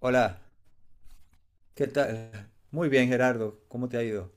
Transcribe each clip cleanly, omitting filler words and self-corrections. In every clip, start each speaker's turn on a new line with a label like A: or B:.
A: Hola, ¿qué tal? Muy bien, Gerardo, ¿cómo te ha ido?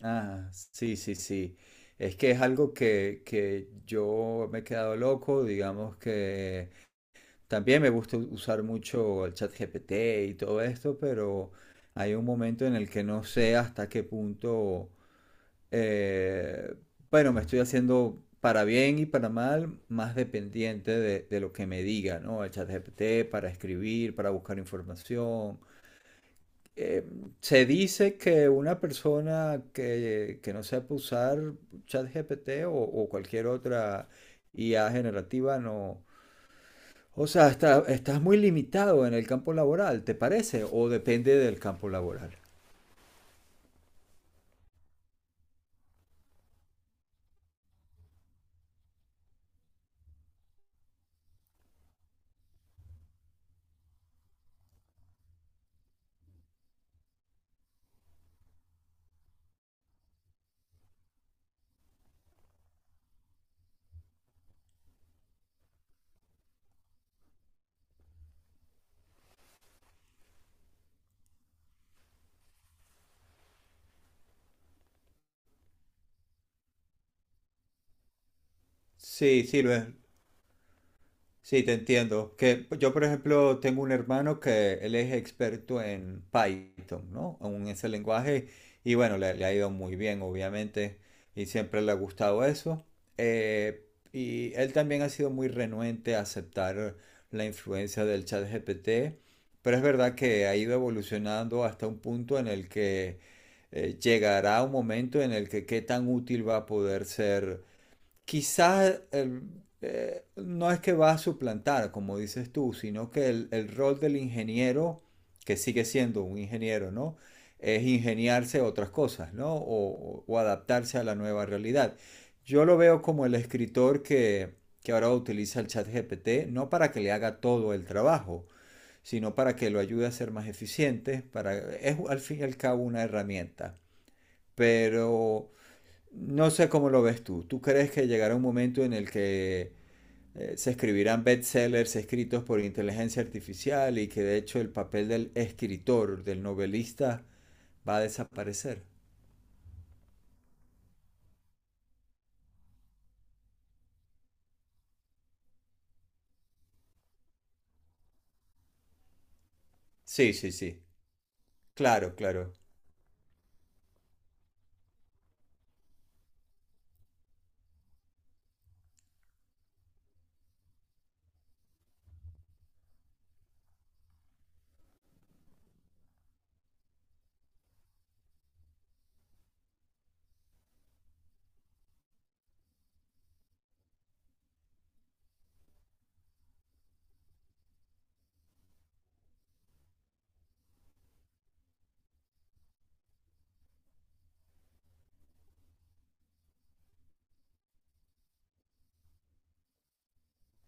A: Ah, sí, sí, sí. Es que es algo que yo me he quedado loco, digamos que también me gusta usar mucho el chat GPT y todo esto, pero hay un momento en el que no sé hasta qué punto, eh, bueno, me estoy haciendo para bien y para mal más dependiente de lo que me diga, ¿no? El chat GPT para escribir, para buscar información. Eh, Se dice que una persona que no sepa usar ChatGPT o cualquier otra IA generativa no. O sea, estás muy limitado en el campo laboral, ¿te parece? ¿O depende del campo laboral? Sí, sí, lo es. Sí, te entiendo. Que yo, por ejemplo, tengo un hermano que él es experto en Python, ¿no? En ese lenguaje. Y bueno, le ha ido muy bien, obviamente. Y siempre le ha gustado eso. Eh, y él también ha sido muy renuente a aceptar la influencia del chat GPT. Pero es verdad que ha ido evolucionando hasta un punto en el que llegará un momento en el que qué tan útil va a poder ser quizás, no es que va a suplantar, como dices tú, sino que el rol del ingeniero, que sigue siendo un ingeniero, ¿no? Es ingeniarse otras cosas, ¿no? O adaptarse a la nueva realidad. Yo lo veo como el escritor que ahora utiliza el chat GPT, no para que le haga todo el trabajo, sino para que lo ayude a ser más eficiente, para, es al fin y al cabo una herramienta. Pero no sé cómo lo ves tú. ¿Tú crees que llegará un momento en el que se escribirán bestsellers escritos por inteligencia artificial y que de hecho el papel del escritor, del novelista, va a desaparecer? Sí, sí, sí. Claro, claro,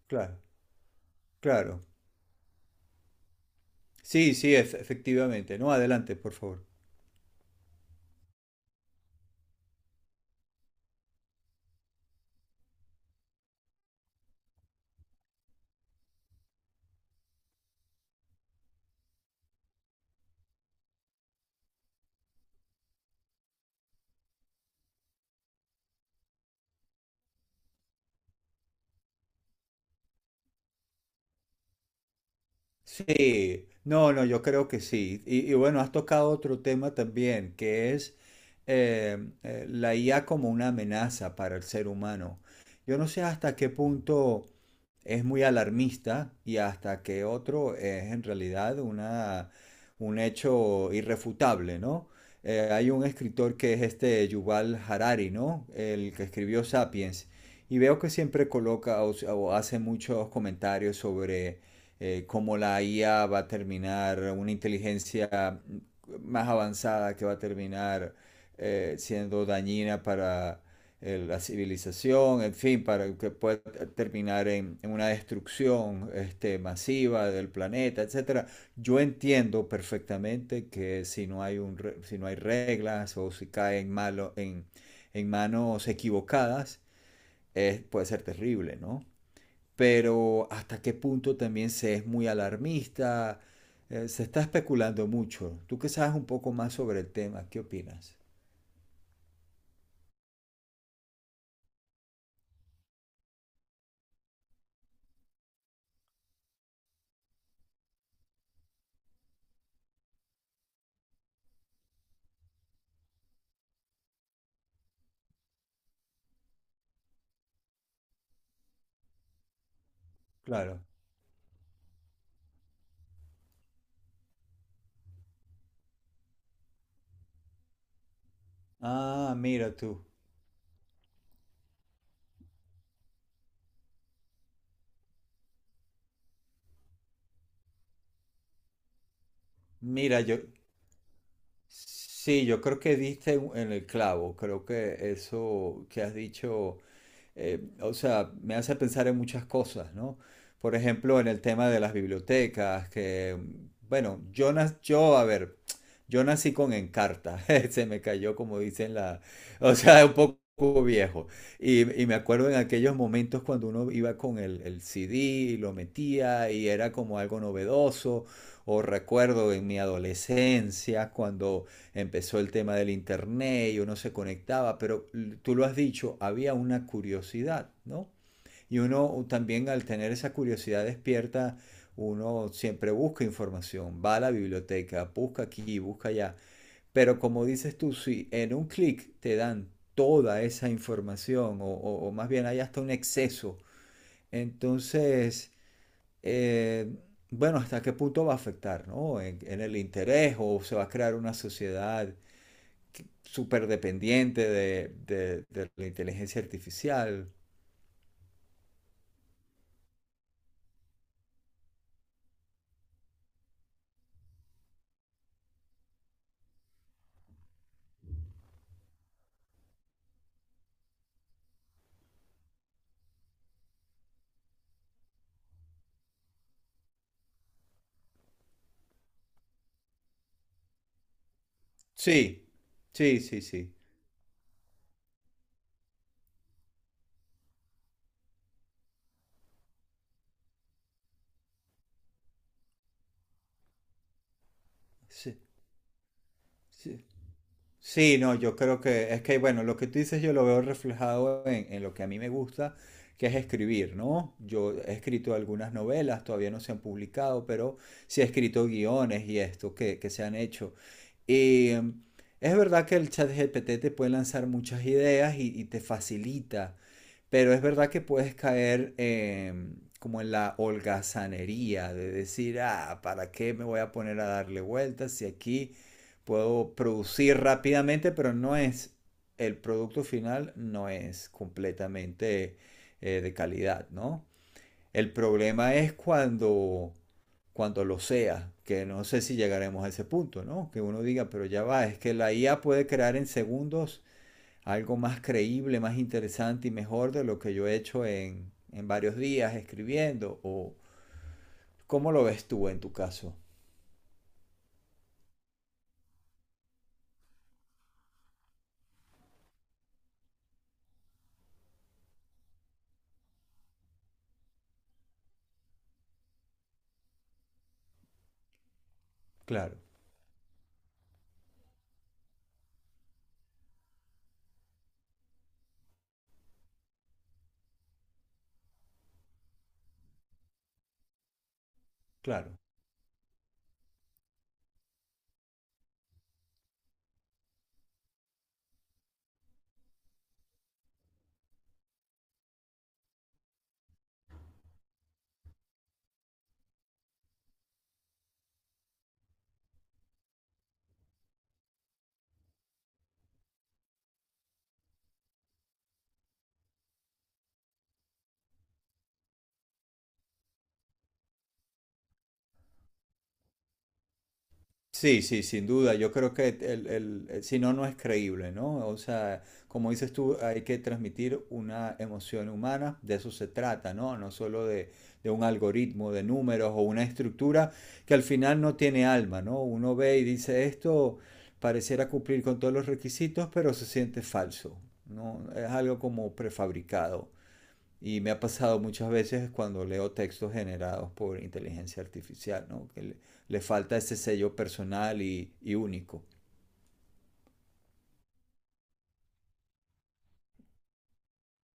A: claro, claro. Sí, sí, efectivamente. No, adelante, por favor. Sí, no, no, yo creo que sí. Y bueno, has tocado otro tema también, que es la IA como una amenaza para el ser humano. Yo no sé hasta qué punto es muy alarmista y hasta que otro es en realidad un hecho irrefutable, ¿no? Hay un escritor que es este Yuval Harari, ¿no? El que escribió Sapiens. Y veo que siempre coloca o hace muchos comentarios sobre cómo la IA va a terminar, una inteligencia más avanzada que va a terminar siendo dañina para el, la civilización, en fin, para que pueda terminar en una destrucción este, masiva del planeta, etcétera. Yo entiendo perfectamente que si no hay, un, si no hay reglas o si cae en, malo, en manos equivocadas, puede ser terrible, ¿no? Pero hasta qué punto también se es muy alarmista, se está especulando mucho. Tú que sabes un poco más sobre el tema, ¿qué opinas? Claro. Ah, mira tú. Mira, yo, Sí, yo creo que diste en el clavo, creo que eso que has dicho, o sea, me hace pensar en muchas cosas, ¿no? Por ejemplo, en el tema de las bibliotecas, que, bueno, yo a ver, yo nací con Encarta, se me cayó como dicen la, o sea, un poco viejo. Y me acuerdo en aquellos momentos cuando uno iba con el CD y lo metía y era como algo novedoso. O recuerdo en mi adolescencia cuando empezó el tema del internet y uno se conectaba, pero tú lo has dicho, había una curiosidad, ¿no? Y uno también al tener esa curiosidad despierta, uno siempre busca información, va a la biblioteca, busca aquí, busca allá. Pero como dices tú, si en un clic te dan toda esa información, o más bien hay hasta un exceso, entonces eh, bueno, ¿hasta qué punto va a afectar, ¿no? En el interés o se va a crear una sociedad súper dependiente de la inteligencia artificial. Sí, sí, sí, sí. Sí, sí. Sí, no, yo creo que es que, bueno, lo que tú dices yo lo veo reflejado en lo que a mí me gusta, que es escribir, ¿no? Yo he escrito algunas novelas, todavía no se han publicado, pero sí he escrito guiones y esto que se han hecho. Y es verdad que el chat GPT te puede lanzar muchas ideas y te facilita, pero es verdad que puedes caer como en la holgazanería de decir, ah, ¿para qué me voy a poner a darle vueltas si aquí puedo producir rápidamente, pero no es, el producto final no es completamente de calidad, ¿no? El problema es cuando lo sea, que no sé si llegaremos a ese punto, ¿no? Que uno diga, pero ya va, es que la IA puede crear en segundos algo más creíble, más interesante y mejor de lo que yo he hecho en varios días escribiendo. O, ¿cómo lo ves tú en tu caso? Claro, claro. Sí, sí, sin duda. Yo creo que si no, no es creíble, ¿no? O sea, como dices tú, hay que transmitir una emoción humana, de eso se trata, ¿no? No solo de un algoritmo de números o una estructura que al final no tiene alma, ¿no? Uno ve y dice, esto pareciera cumplir con todos los requisitos, pero se siente falso, ¿no? Es algo como prefabricado. Y me ha pasado muchas veces cuando leo textos generados por inteligencia artificial, ¿no? Que le falta ese sello personal y único.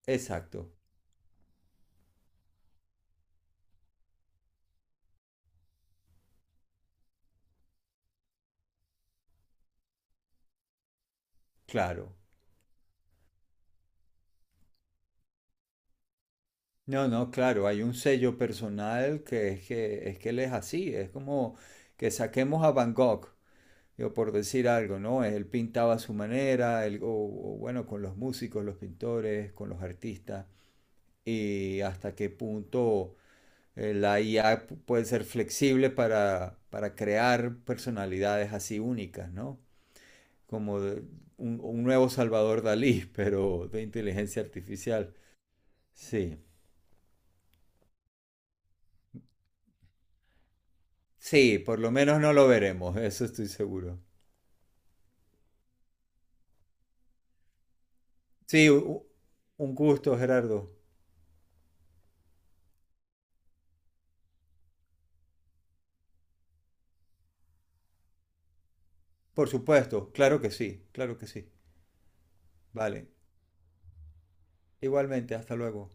A: Exacto, claro. No, no, claro, hay un sello personal que es que, es que él es así, es como que saquemos a Van Gogh, digo, por decir algo, ¿no? Él pintaba a su manera, o bueno, con los músicos, los pintores, con los artistas, y hasta qué punto eh, la IA puede ser flexible para crear personalidades así únicas, ¿no? Como de- un nuevo Salvador Dalí, pero de inteligencia artificial. Sí, sí, por lo menos no lo veremos, eso estoy seguro. Sí, un gusto, Gerardo. Por supuesto, claro que sí, claro que sí. Vale, igualmente, hasta luego.